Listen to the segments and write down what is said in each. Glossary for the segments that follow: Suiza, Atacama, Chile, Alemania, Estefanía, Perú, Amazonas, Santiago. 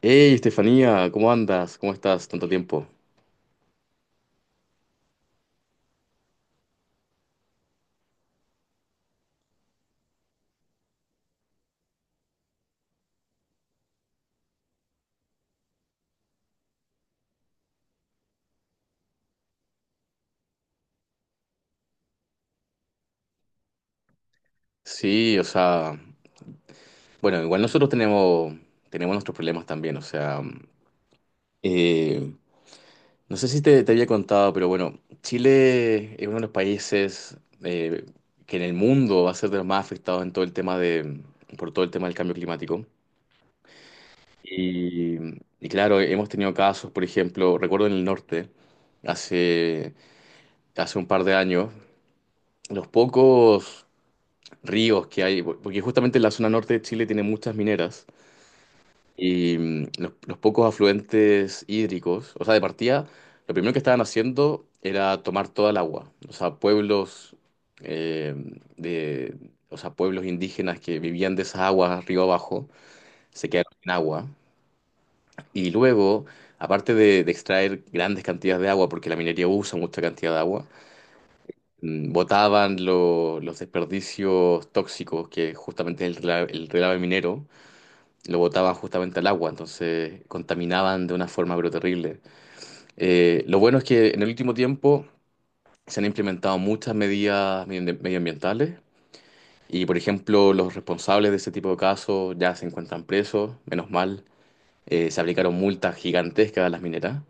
Hey, Estefanía, ¿cómo andas? ¿Cómo estás? Tanto tiempo. Sí, o sea, bueno, igual nosotros tenemos nuestros problemas también, o sea, eh, no sé si te había contado, pero bueno, Chile es uno de los países eh, que en el mundo va a ser de los más afectados en todo el tema de, por todo el tema del cambio climático. Y, y claro, hemos tenido casos, por ejemplo, recuerdo en el norte, hace, hace un par de años, los pocos ríos que hay, porque justamente la zona norte de Chile tiene muchas mineras y los pocos afluentes hídricos, o sea, de partida, lo primero que estaban haciendo era tomar toda el agua, o sea, pueblos eh, de, o sea, pueblos indígenas que vivían de esas aguas río abajo, se quedaron sin agua y luego, aparte de extraer grandes cantidades de agua, porque la minería usa mucha cantidad de agua, botaban los desperdicios tóxicos, que justamente es el relave minero, lo botaban justamente al agua, entonces contaminaban de una forma pero terrible. Lo bueno es que en el último tiempo se han implementado muchas medidas medioambientales y, por ejemplo, los responsables de ese tipo de casos ya se encuentran presos, menos mal. Se aplicaron multas gigantescas a las mineras.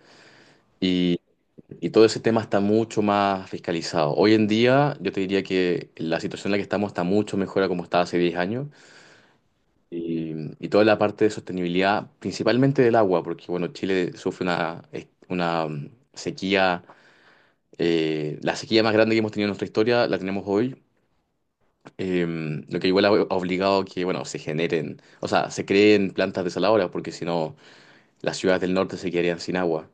Y todo ese tema está mucho más fiscalizado. Hoy en día, yo te diría que la situación en la que estamos está mucho mejor a como estaba hace 10 años. Y, y toda la parte de sostenibilidad, principalmente del agua, porque bueno, Chile sufre una sequía, la sequía más grande que hemos tenido en nuestra historia, la tenemos hoy. Eh, lo que igual ha obligado a que, bueno, se generen, o sea, se creen plantas desaladoras, porque si no, las ciudades del norte se quedarían sin agua.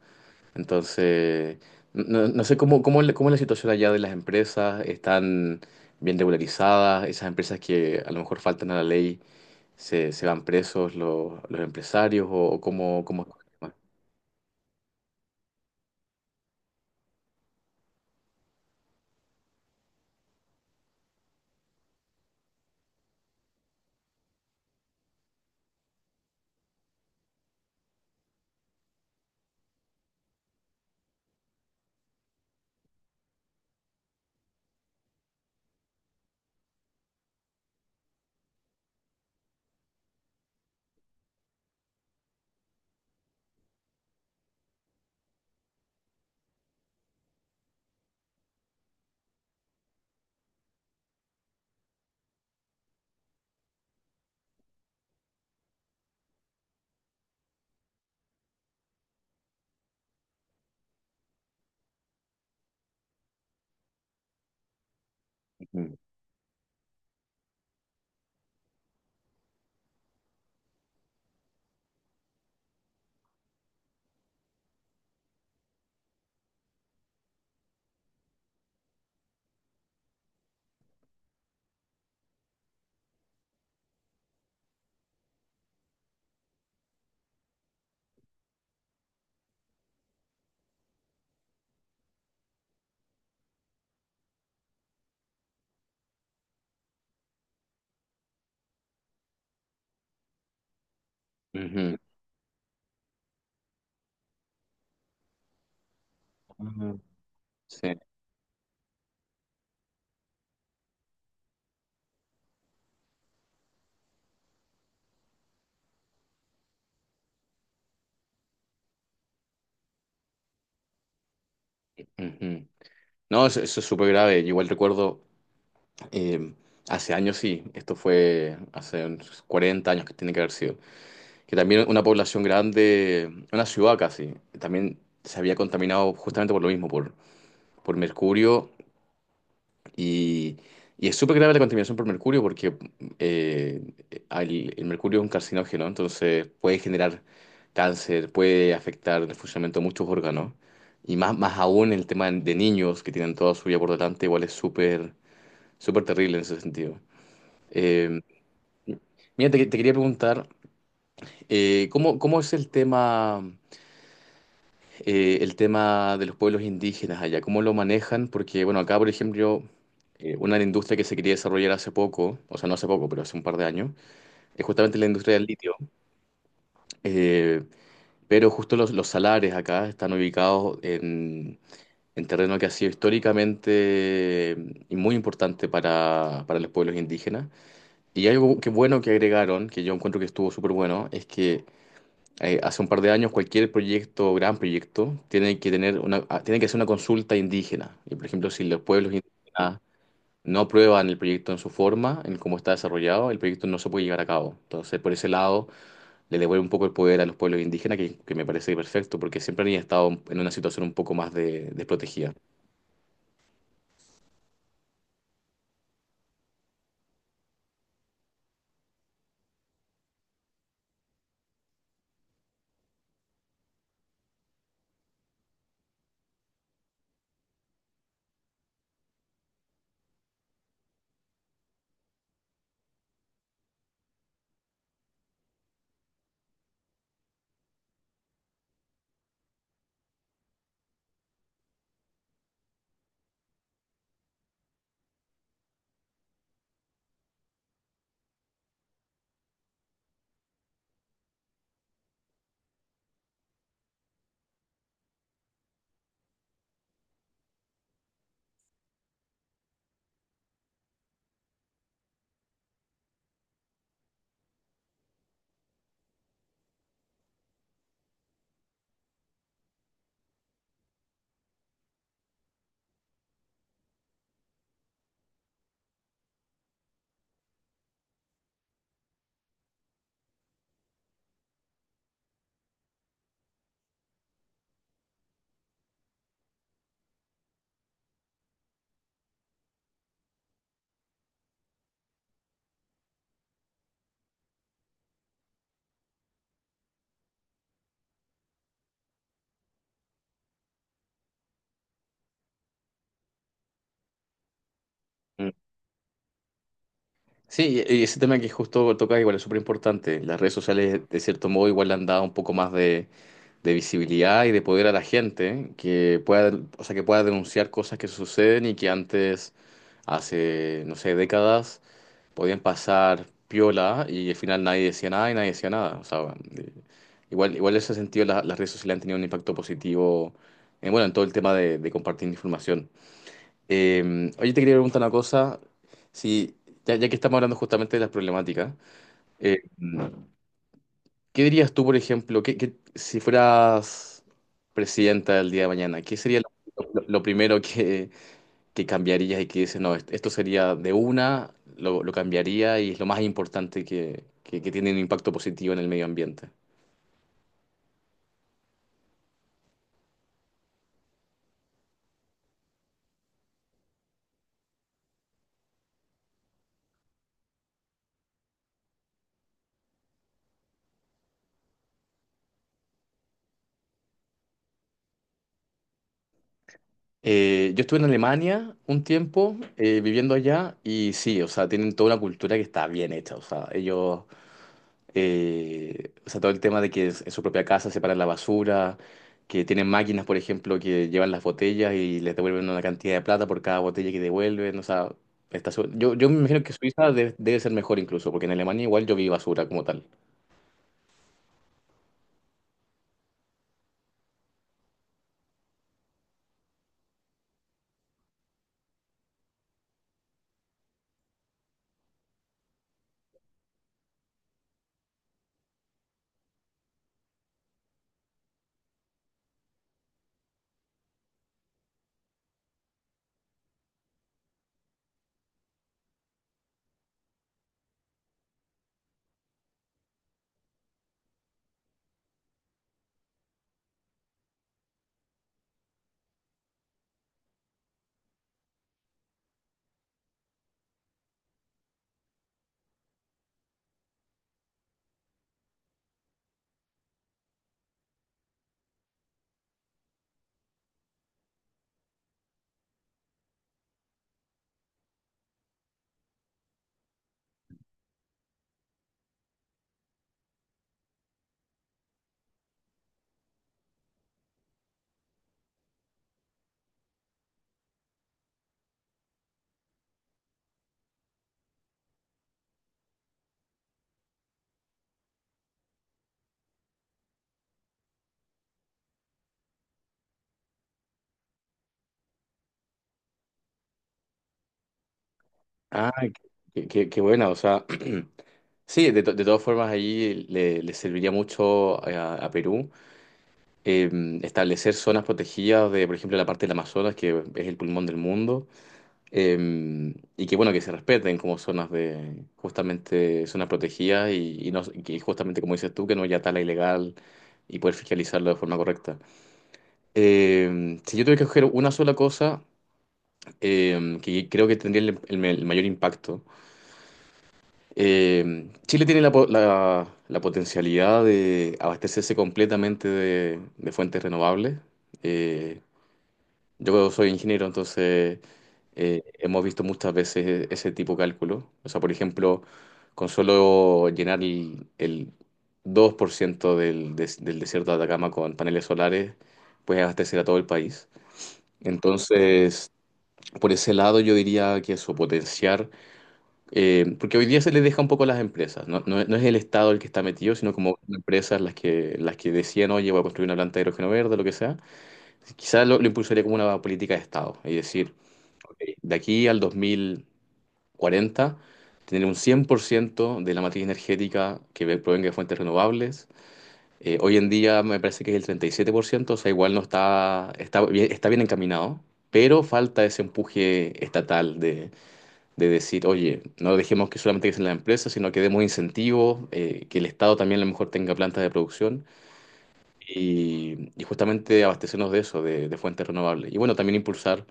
Entonces, no sé cómo es la situación allá de las empresas, están bien regularizadas, esas empresas que a lo mejor faltan a la ley, se van presos los empresarios o cómo es el tema? Ujú, ujú. Mm. Sí. Ujú. No, eso es súper grave. Yo igual recuerdo, eh, hace años sí, esto fue hace unos 40 años que tiene que haber sido, que también una población grande, una ciudad casi, también se había contaminado justamente por lo mismo, por mercurio y, y es súper grave la contaminación por mercurio porque eh, el mercurio es un carcinógeno, entonces puede generar cáncer, puede afectar el funcionamiento de muchos órganos y más aún el tema de niños que tienen toda su vida por delante, igual es súper, súper terrible en ese sentido. Eh, Mira, te quería preguntar, ¿cómo es el tema, el tema de los pueblos indígenas allá, cómo lo manejan? Porque bueno, acá por ejemplo, una industria que se quería desarrollar hace poco, o sea, no hace poco, pero hace un par de años, es justamente la industria del litio. Eh, pero justo los salares acá están ubicados en terreno que ha sido históricamente, y muy importante para los pueblos indígenas. Y hay algo que bueno que agregaron, que yo encuentro que estuvo súper bueno, es que hace un par de años cualquier proyecto, gran proyecto, tiene que hacer una consulta indígena. Y por ejemplo, si los pueblos indígenas no aprueban el proyecto en su forma, en cómo está desarrollado, el proyecto no se puede llevar a cabo. Entonces, por ese lado, le devuelve un poco el poder a los pueblos indígenas, que me parece perfecto, porque siempre han estado en una situación un poco más desprotegida. Mm. Sí, y ese tema que justo tocas igual es súper importante. Las redes sociales, de cierto modo, igual le han dado un poco más de visibilidad y de poder a la gente que pueda, o sea, que pueda denunciar cosas que suceden y que antes, hace, no sé, décadas, podían pasar piola y al final nadie decía nada y nadie decía nada. O sea, igual en ese sentido las redes sociales han tenido un impacto positivo bueno, en todo el tema de compartir información. Oye, te quería preguntar una cosa, si, ya, ya que estamos hablando justamente de las problemáticas, eh, ¿qué dirías tú, por ejemplo, que si fueras presidenta del día de mañana, qué sería lo primero que cambiarías y que dices, no, esto sería de una, lo cambiaría y es lo más importante que tiene un impacto positivo en el medio ambiente? Yo estuve en Alemania un tiempo viviendo allá y sí, o sea, tienen toda una cultura que está bien hecha, o sea, ellos. O sea, todo el tema de en su propia casa separan la basura, que tienen máquinas, por ejemplo, que llevan las botellas y les devuelven una cantidad de plata por cada botella que devuelven. O sea, Yo me imagino que Suiza debe ser mejor incluso, porque en Alemania igual yo vi basura como tal. Ah, qué buena, o sea, sí, de todas formas ahí le serviría mucho a Perú, eh, establecer zonas protegidas de, por ejemplo, la parte del Amazonas, que es el pulmón del mundo. Y que bueno, que se respeten como zonas de, justamente, zonas protegidas y no, y que justamente como dices tú, que no haya tala ilegal y poder fiscalizarlo de forma correcta. Si yo tuviera que escoger una sola cosa, que creo que tendría el mayor impacto, Chile tiene la potencialidad de abastecerse completamente de fuentes renovables. eh, Yo soy ingeniero, entonces hemos visto muchas veces ese tipo de cálculo. O sea, por ejemplo, con solo llenar el 2% del desierto de Atacama con paneles solares, puedes abastecer a todo el país. Entonces, por ese lado yo diría que eso, potenciar, porque hoy día se les deja un poco a las empresas, no, no, es no es el Estado el que está metido, sino como empresas las que decían, oye, voy a construir una planta de hidrógeno verde, lo que sea. Quizás lo impulsaría como una política de Estado, es decir, de aquí al 2040, tener un 100% de la matriz energética que provenga de fuentes renovables. Hoy en día me parece que es el 37%, o sea, igual no está, está bien encaminado, pero falta ese empuje estatal de decir, oye, no dejemos que solamente que sean las empresas, sino que demos incentivos, que el Estado también a lo mejor tenga plantas de producción y justamente abastecernos de eso, de fuentes renovables. Y bueno, también impulsar,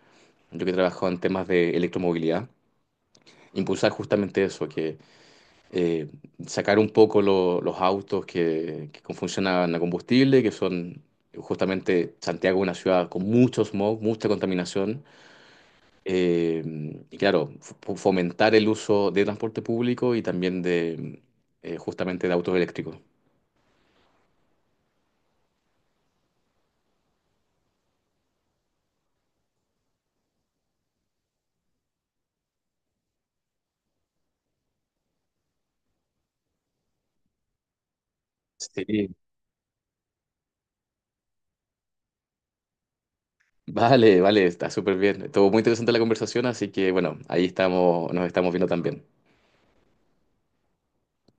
yo que he trabajado en temas de electromovilidad impulsar justamente eso, que eh, sacar un poco los autos que funcionan a combustible, que son justamente Santiago una ciudad con mucho smog, mucha contaminación, eh, y claro, fomentar el uso de transporte público y también de justamente de autos eléctricos. Sí. Vale, vale, está súper bien. Estuvo muy interesante la conversación, así que bueno, ahí estamos, nos estamos viendo también.